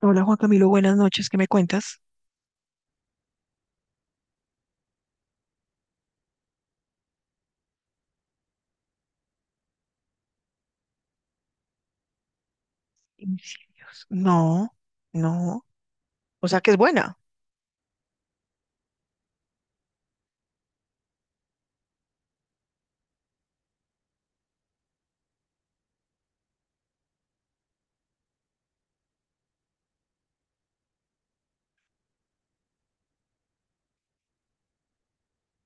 Hola Juan Camilo, buenas noches, ¿qué me cuentas? Homicidios. No, no, o sea que es buena.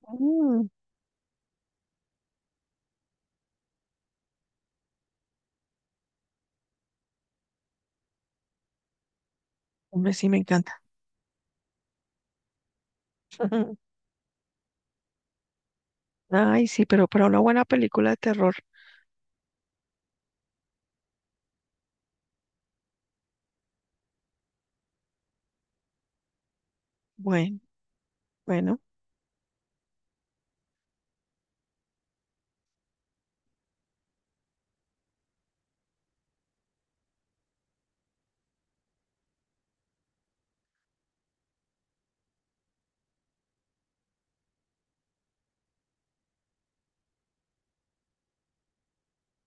Mm, hombre, sí, me encanta. Ay, sí, pero para una buena película de terror. Bueno, bueno.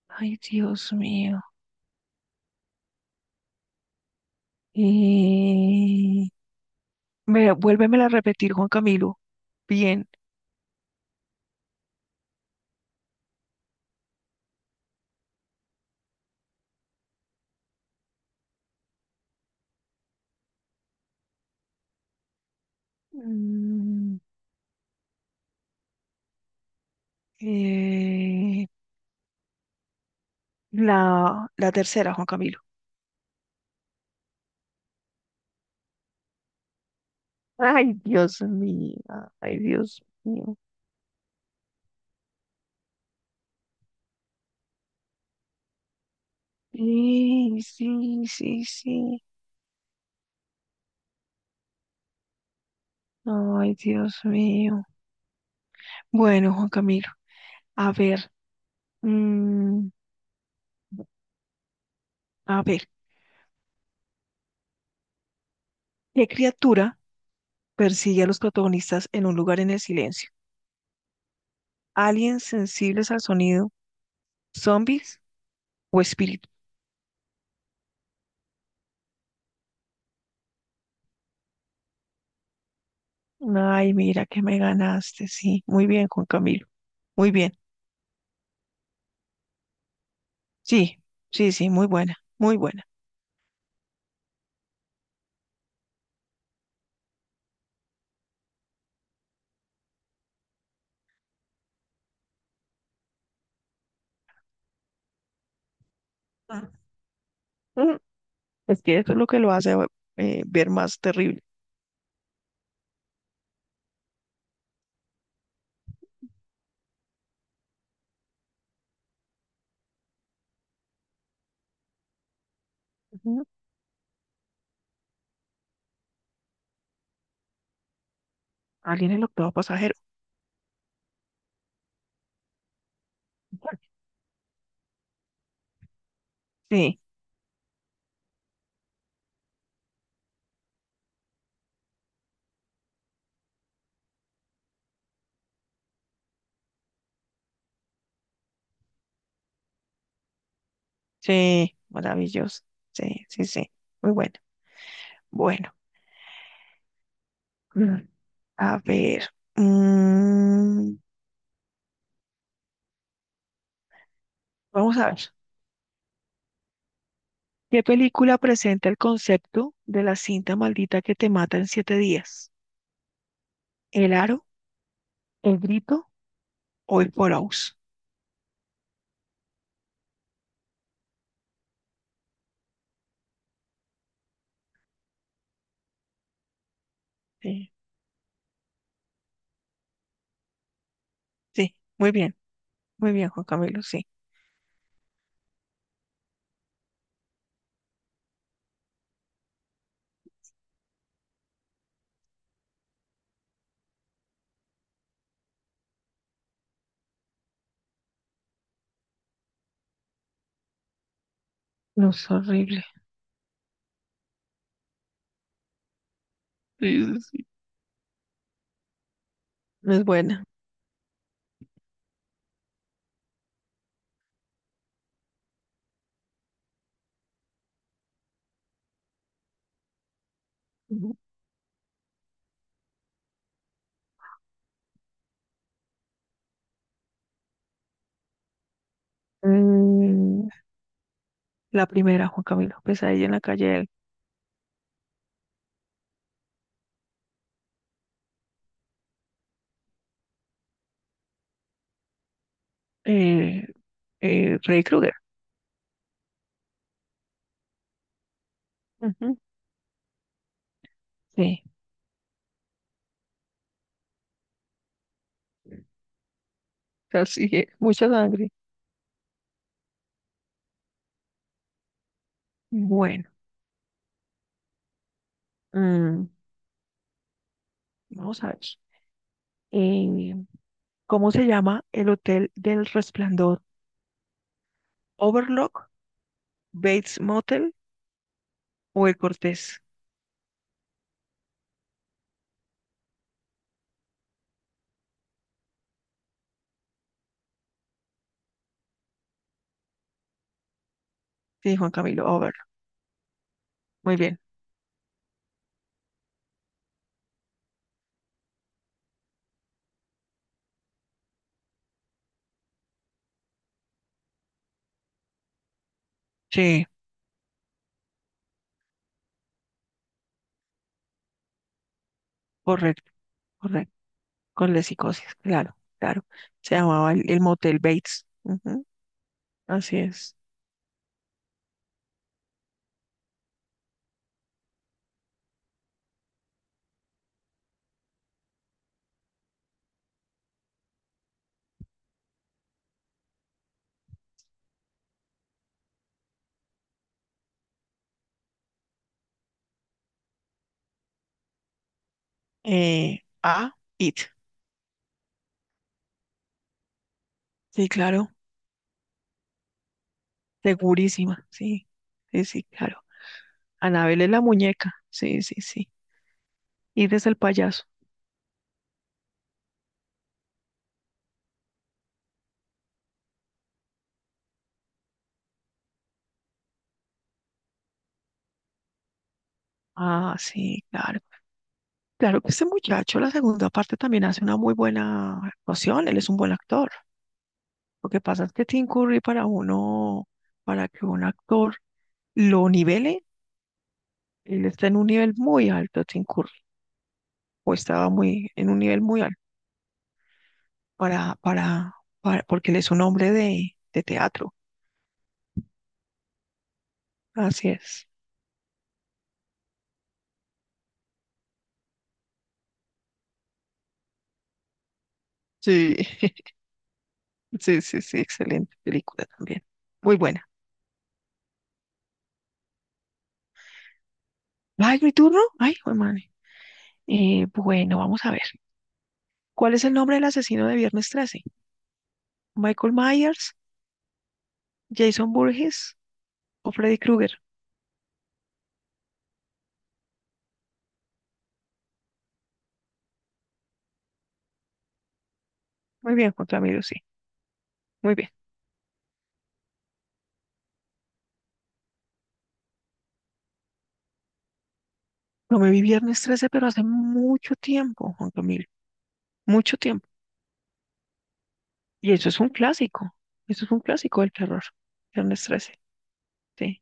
Ay, Dios mío. Y... Mira, vuélvemela a repetir, Juan Camilo. Bien. Mm, eh, la tercera, Juan Camilo. Ay, Dios mío. Ay, Dios mío. Sí, sí, sí, sí. Ay, Dios mío. Bueno, Juan Camilo, a ver, mm, a ver, ¿qué criatura persigue a los protagonistas en un lugar en el silencio? ¿Aliens sensibles al sonido, zombies o espíritus? Ay, mira que me ganaste, sí, muy bien, Juan Camilo, muy bien, sí, sí, sí, muy buena, muy buena. Ah. Mm, Es que eso es lo que lo hace ver más terrible. Ujú. Alien el octavo pasajero. Sí, sí, maravilloso, sí, sí, sí, muy buena. Bueno, mm, a ver, mm, vamos a ver. ¿Qué película presenta el concepto de la cinta maldita que te mata en siete días? ¿El aro, el grito o el Porous? Sí, sí, muy bien, Juan Camilo, sí. No es horrible. Sí, sí, sí. No es buena. Ujú. Mm, la primera, Juan Camilo, Pesadilla en la calle del eh, Freddy Krueger. Ujú, sí, así es, mucha sangre. Bueno, mm, vamos a ver. eh, ¿Cómo se llama el hotel del Resplandor? Overlook, Bates Motel o el Cortés? Sí, Juan Camilo, Overlock. Muy bien. Sí, correcto, correcto. Con la psicosis, claro, claro. Se llamaba el motel Bates. Ujú, así es. It. Sí, claro. Segurísima. Sí, sí, sí, claro. Anabel es la muñeca. Sí, sí, sí. It es el payaso. Ah, sí, claro. Claro que este muchacho, la segunda parte también hace una muy buena actuación, él es un buen actor. Lo que pasa es que Tim Curry para uno, para que un actor lo nivele, él está en un nivel muy alto, Tim Curry, o estaba muy, en un nivel muy alto, para, para, para, porque él es un hombre de teatro. Así es. Sí, sí, sí, sí, excelente película también. Muy buena. Ay, mi turno. Ay, hermano. Bueno, vamos a ver. ¿Cuál es el nombre del asesino de Viernes 13? Michael Myers. Jason Burgess o Freddy Krueger. Muy bien, Juan Camilo, sí. Muy bien. No me vi Viernes 13, pero hace mucho tiempo, Juan Camilo. Mucho tiempo. Y eso es un clásico. Eso es un clásico del terror. Viernes 13, sí.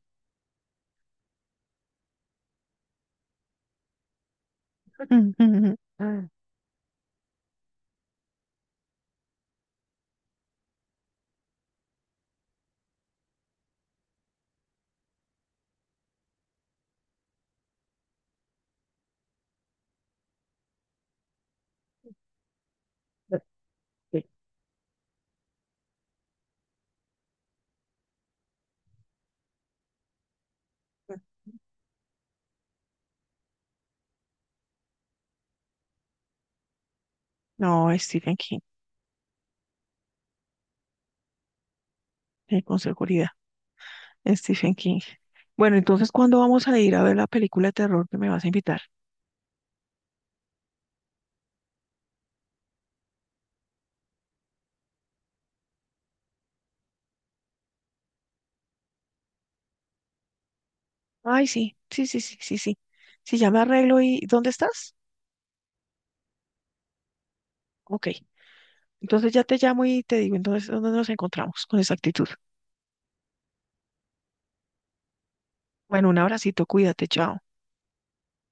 No, Stephen King. Con seguridad. Stephen King. Bueno, entonces, ¿cuándo vamos a ir a ver la película de terror que me vas a invitar? Ay, sí, sí, sí, sí, sí, sí. Si ya me arreglo y ¿dónde estás? Ok, entonces ya te llamo y te digo, entonces, ¿dónde nos encontramos con exactitud? Bueno, un abracito, cuídate, chao.